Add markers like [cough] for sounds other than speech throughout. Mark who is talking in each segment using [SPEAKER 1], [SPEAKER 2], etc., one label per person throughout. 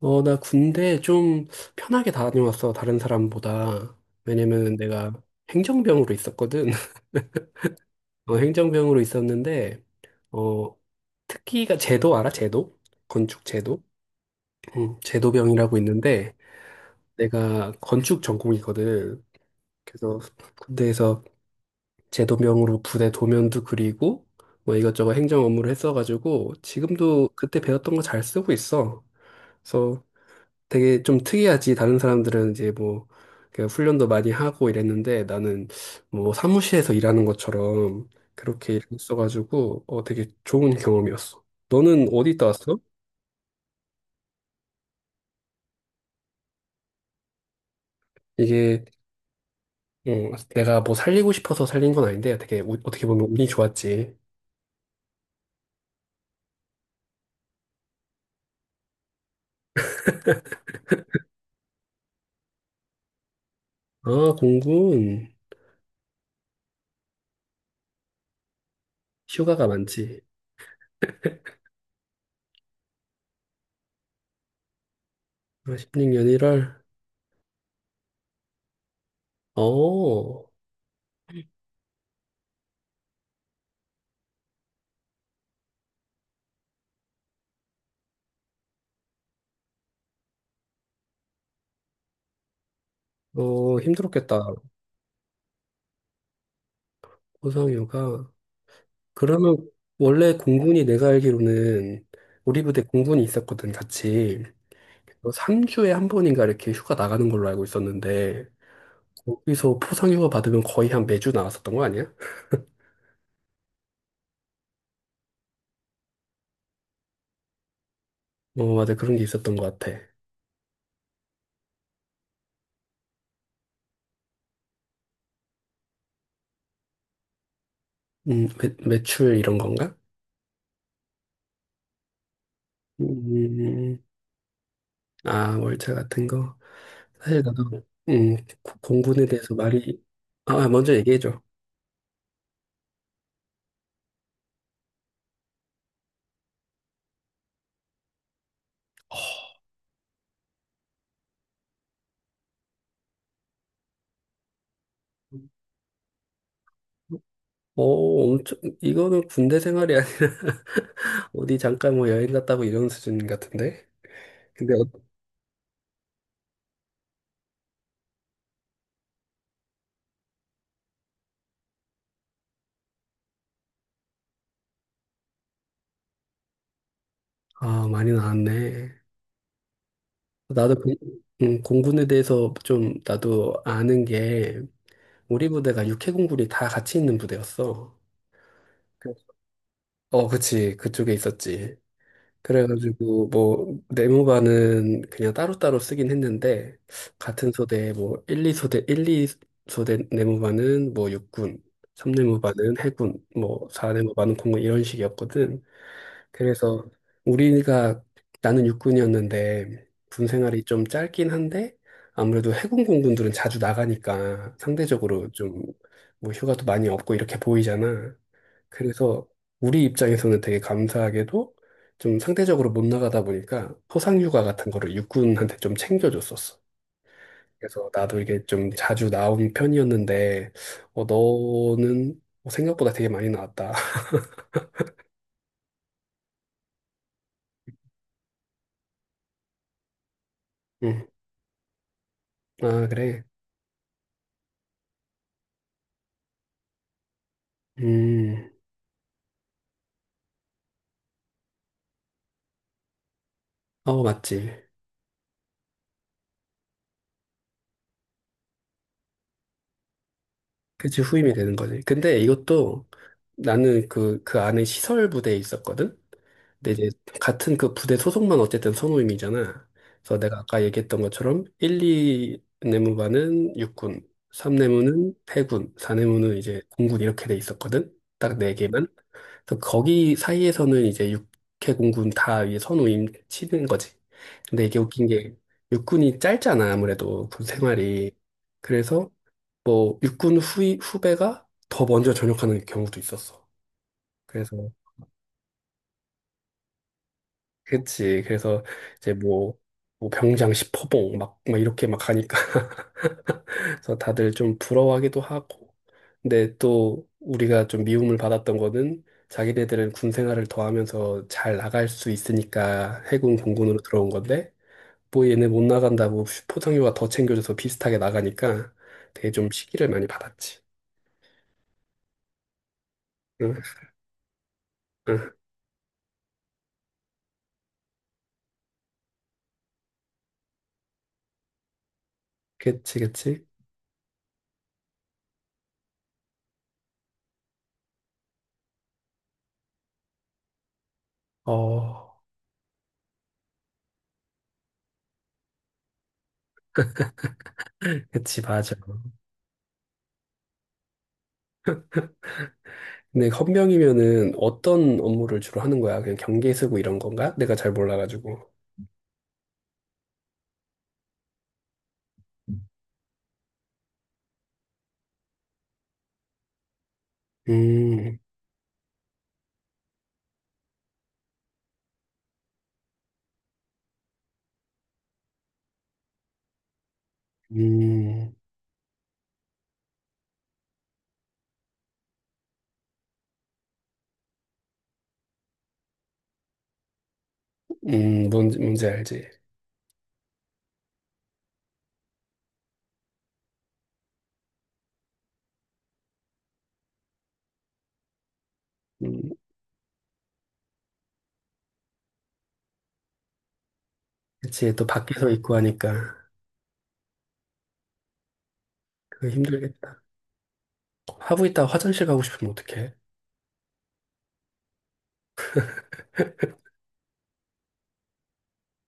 [SPEAKER 1] 나 군대 좀 편하게 다녀왔어, 다른 사람보다. 왜냐면 내가 행정병으로 있었거든. [laughs] 행정병으로 있었는데, 어, 특기가 제도 알아? 제도? 건축 제도? 응, 제도병이라고 있는데, 내가 건축 전공이거든. 그래서 군대에서 제도병으로 부대 도면도 그리고, 뭐 이것저것 행정 업무를 했어가지고, 지금도 그때 배웠던 거 잘 쓰고 있어. 그래서 되게 좀 특이하지. 다른 사람들은 이제 뭐, 그 훈련도 많이 하고 이랬는데 나는 뭐 사무실에서 일하는 것처럼 그렇게 일어가지고 되게 좋은 경험이었어. 너는 어디 있다 왔어? 이게 내가 뭐 살리고 싶어서 살린 건 아닌데 되게 어떻게 보면 운이 좋았지. 아, 공군. 휴가가 많지. 16년 1월. 어, 어, 힘들었겠다. 고상휴가. 그러면 원래 공군이 내가 알기로는 우리 부대 공군이 있었거든, 같이. 3주에 한 번인가 이렇게 휴가 나가는 걸로 알고 있었는데, 거기서 포상휴가 받으면 거의 한 매주 나왔었던 거 아니야? 어, 맞아. 그런 게 있었던 것 같아. 매출 이런 건가? 음, 아, 월차 같은 거. 사실 나도, 음, 공군에 대해서 말이, 아, 아, 먼저 얘기해줘. 어, 엄청, 이거는 군대 생활이 아니야. [laughs] 어디 잠깐 뭐 여행 갔다고 이런 수준 같은데? 근데 아, 많이 나왔네. 나도 그, 공군에 대해서 좀 나도 아는 게 우리 부대가 육해공군이 다 같이 있는 부대였어. 그- 어, 그치. 그쪽에 있었지. 그래가지고 뭐 내무반은 그냥 따로따로 쓰긴 했는데 같은 소대 뭐 1, 2소대, 일, 이 소대 내무반은 뭐 육군, 3내무반은 해군, 뭐 4내무반은 공군 이런 식이었거든. 그래서 우리가 나는 육군이었는데 군 생활이 좀 짧긴 한데 아무래도 해군 공군들은 자주 나가니까 상대적으로 좀 뭐 휴가도 많이 없고 이렇게 보이잖아. 그래서 우리 입장에서는 되게 감사하게도 좀 상대적으로 못 나가다 보니까 포상휴가 같은 거를 육군한테 좀 챙겨줬었어. 그래서 나도 이게 좀 자주 나온 편이었는데 어, 너는 생각보다 되게 많이 나왔다. [laughs] 응. 아, 그래. 음. 어, 맞지. 그치, 후임이 되는 거지. 근데 이것도 나는 그, 그 안에 시설 부대에 있었거든? 근데 이제 같은 그 부대 소속만 어쨌든 선후임이잖아. 그래서 내가 아까 얘기했던 것처럼 1, 2 내무반은 육군, 3 내무는 해군, 4 내무는 이제 공군 이렇게 돼 있었거든? 딱 네 개만. 그래서 거기 사이에서는 이제 육해 공군 다 이제 선후임 치는 거지. 근데 이게 웃긴 게 육군이 짧잖아, 아무래도 군 생활이. 그래서 뭐 육군 후배가 더 먼저 전역하는 경우도 있었어. 그래서 그치. 그래서 이제 뭐, 뭐 병장 10호봉 막 이렇게 막 가니까 [laughs] 그래서 다들 좀 부러워하기도 하고. 근데 또 우리가 좀 미움을 받았던 거는 자기네들은 군 생활을 더 하면서 잘 나갈 수 있으니까 해군 공군으로 들어온 건데 뭐 얘네 못 나간다고 포상휴가 더 챙겨줘서 비슷하게 나가니까 되게 좀 시기를 많이 받았지. 응, 응. 그치, 그치. 어, 그치, 맞아. 근데 헌병이면은 어떤 업무를 주로 하는 거야? 그냥 경계 쓰고 이런 건가? 내가 잘 몰라가지고. 음, 음, 뭔지 알지. 음, 그치, 또 밖에서 있고 하니까. 그거 힘들겠다. 하고 있다가 화장실 가고 싶으면 어떡해?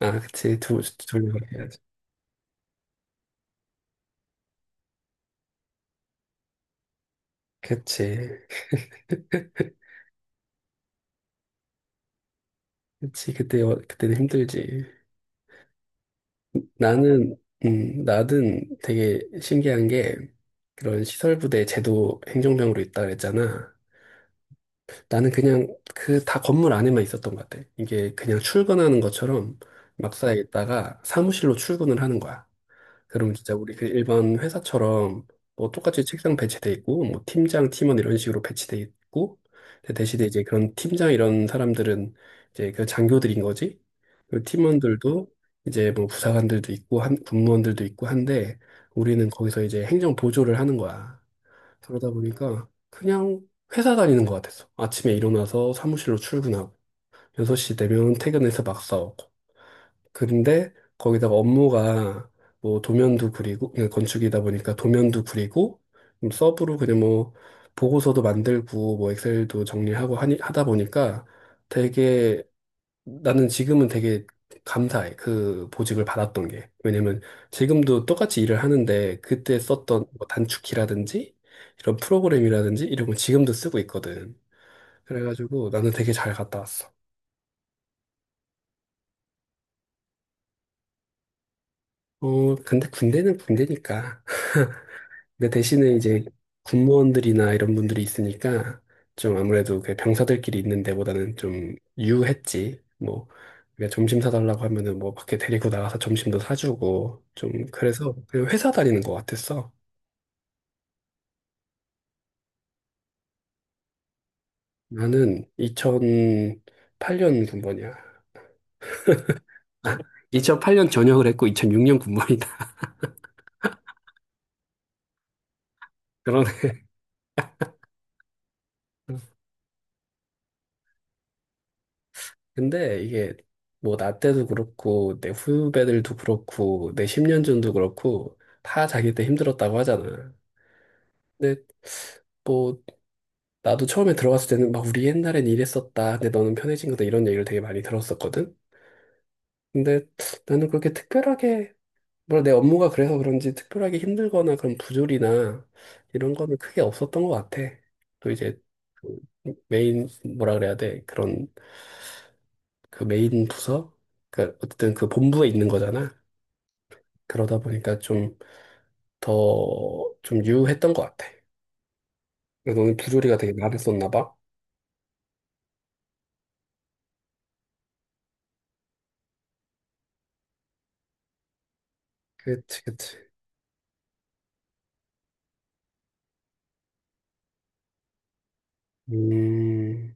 [SPEAKER 1] 아, 그치, 둘 해야지. 그치, 그때, 그때는 힘들지. 나는, 나는 되게 신기한 게 그런 시설부대 제도 행정병으로 있다 그랬잖아. 나는 그냥 그 다 건물 안에만 있었던 것 같아. 이게 그냥 출근하는 것처럼 막사에 있다가 사무실로 출근을 하는 거야. 그럼 진짜 우리 그 일반 회사처럼 뭐 똑같이 책상 배치돼 있고 뭐 팀장, 팀원 이런 식으로 배치돼 있고 근데 대신에 이제 그런 팀장 이런 사람들은 이제 그 장교들인 거지. 그 팀원들도 이제 뭐 부사관들도 있고 한 군무원들도 있고 한데 우리는 거기서 이제 행정 보조를 하는 거야. 그러다 보니까 그냥 회사 다니는 것 같았어. 아침에 일어나서 사무실로 출근하고 6시 되면 퇴근해서 막 싸우고. 근데 거기다가 업무가 뭐 도면도 그리고 그냥 건축이다 보니까 도면도 그리고 좀 서브로 그냥 뭐 보고서도 만들고 뭐 엑셀도 정리하고 하다 보니까 되게 나는 지금은 되게 감사해. 그 보직을 받았던 게. 왜냐면 지금도 똑같이 일을 하는데 그때 썼던 뭐 단축키라든지 이런 프로그램이라든지 이런 거 지금도 쓰고 있거든. 그래가지고 나는 되게 잘 갔다 왔어. 어, 근데 군대는 군대니까. 근데 대신에 이제 군무원들이나 이런 분들이 있으니까 좀 아무래도 그 병사들끼리 있는 데보다는 좀 유했지. 뭐 그러 점심 사달라고 하면은 뭐 밖에 데리고 나가서 점심도 사주고 좀 그래서 그냥 회사 다니는 것 같았어. 나는 2008년 군번이야. 2008년 전역을 했고 2006년 군번이다. [laughs] 그런 근데 이게 뭐 나 때도 그렇고 내 후배들도 그렇고 내 10년 전도 그렇고 다 자기 때 힘들었다고 하잖아. 근데 뭐 나도 처음에 들어갔을 때는 막 우리 옛날엔 이랬었다. 근데 너는 편해진 거다. 이런 얘기를 되게 많이 들었었거든. 근데 나는 그렇게 특별하게 뭐 내 업무가 그래서 그런지 특별하게 힘들거나 그런 부조리나 이런 거는 크게 없었던 것 같아. 또 이제 그 메인 뭐라 그래야 돼? 그런 그 메인 부서 그 어쨌든 그 본부에 있는 거잖아. 그러다 보니까 좀 더 좀 유했던 것 같아. 너는 부조리가 되게 많았었나 봐. 그치, 그치. 음.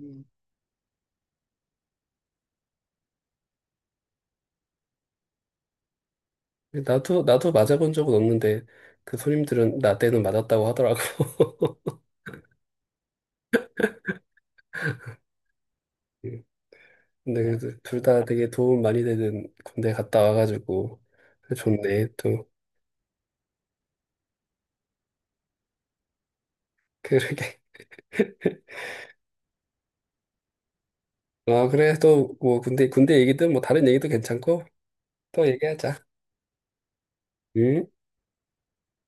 [SPEAKER 1] 음. 나도, 나도 맞아본 적은 없는데, 그 손님들은 나 때는 맞았다고 하더라고. [laughs] 음. 근데 그래도 둘 다 되게 도움 많이 되는 군대 갔다 와가지고, 그래 좋네, 또. [laughs] 그러게. 아, 그래, 또, 뭐, 군대 얘기든 뭐, 다른 얘기도 괜찮고, 또 얘기하자. 응?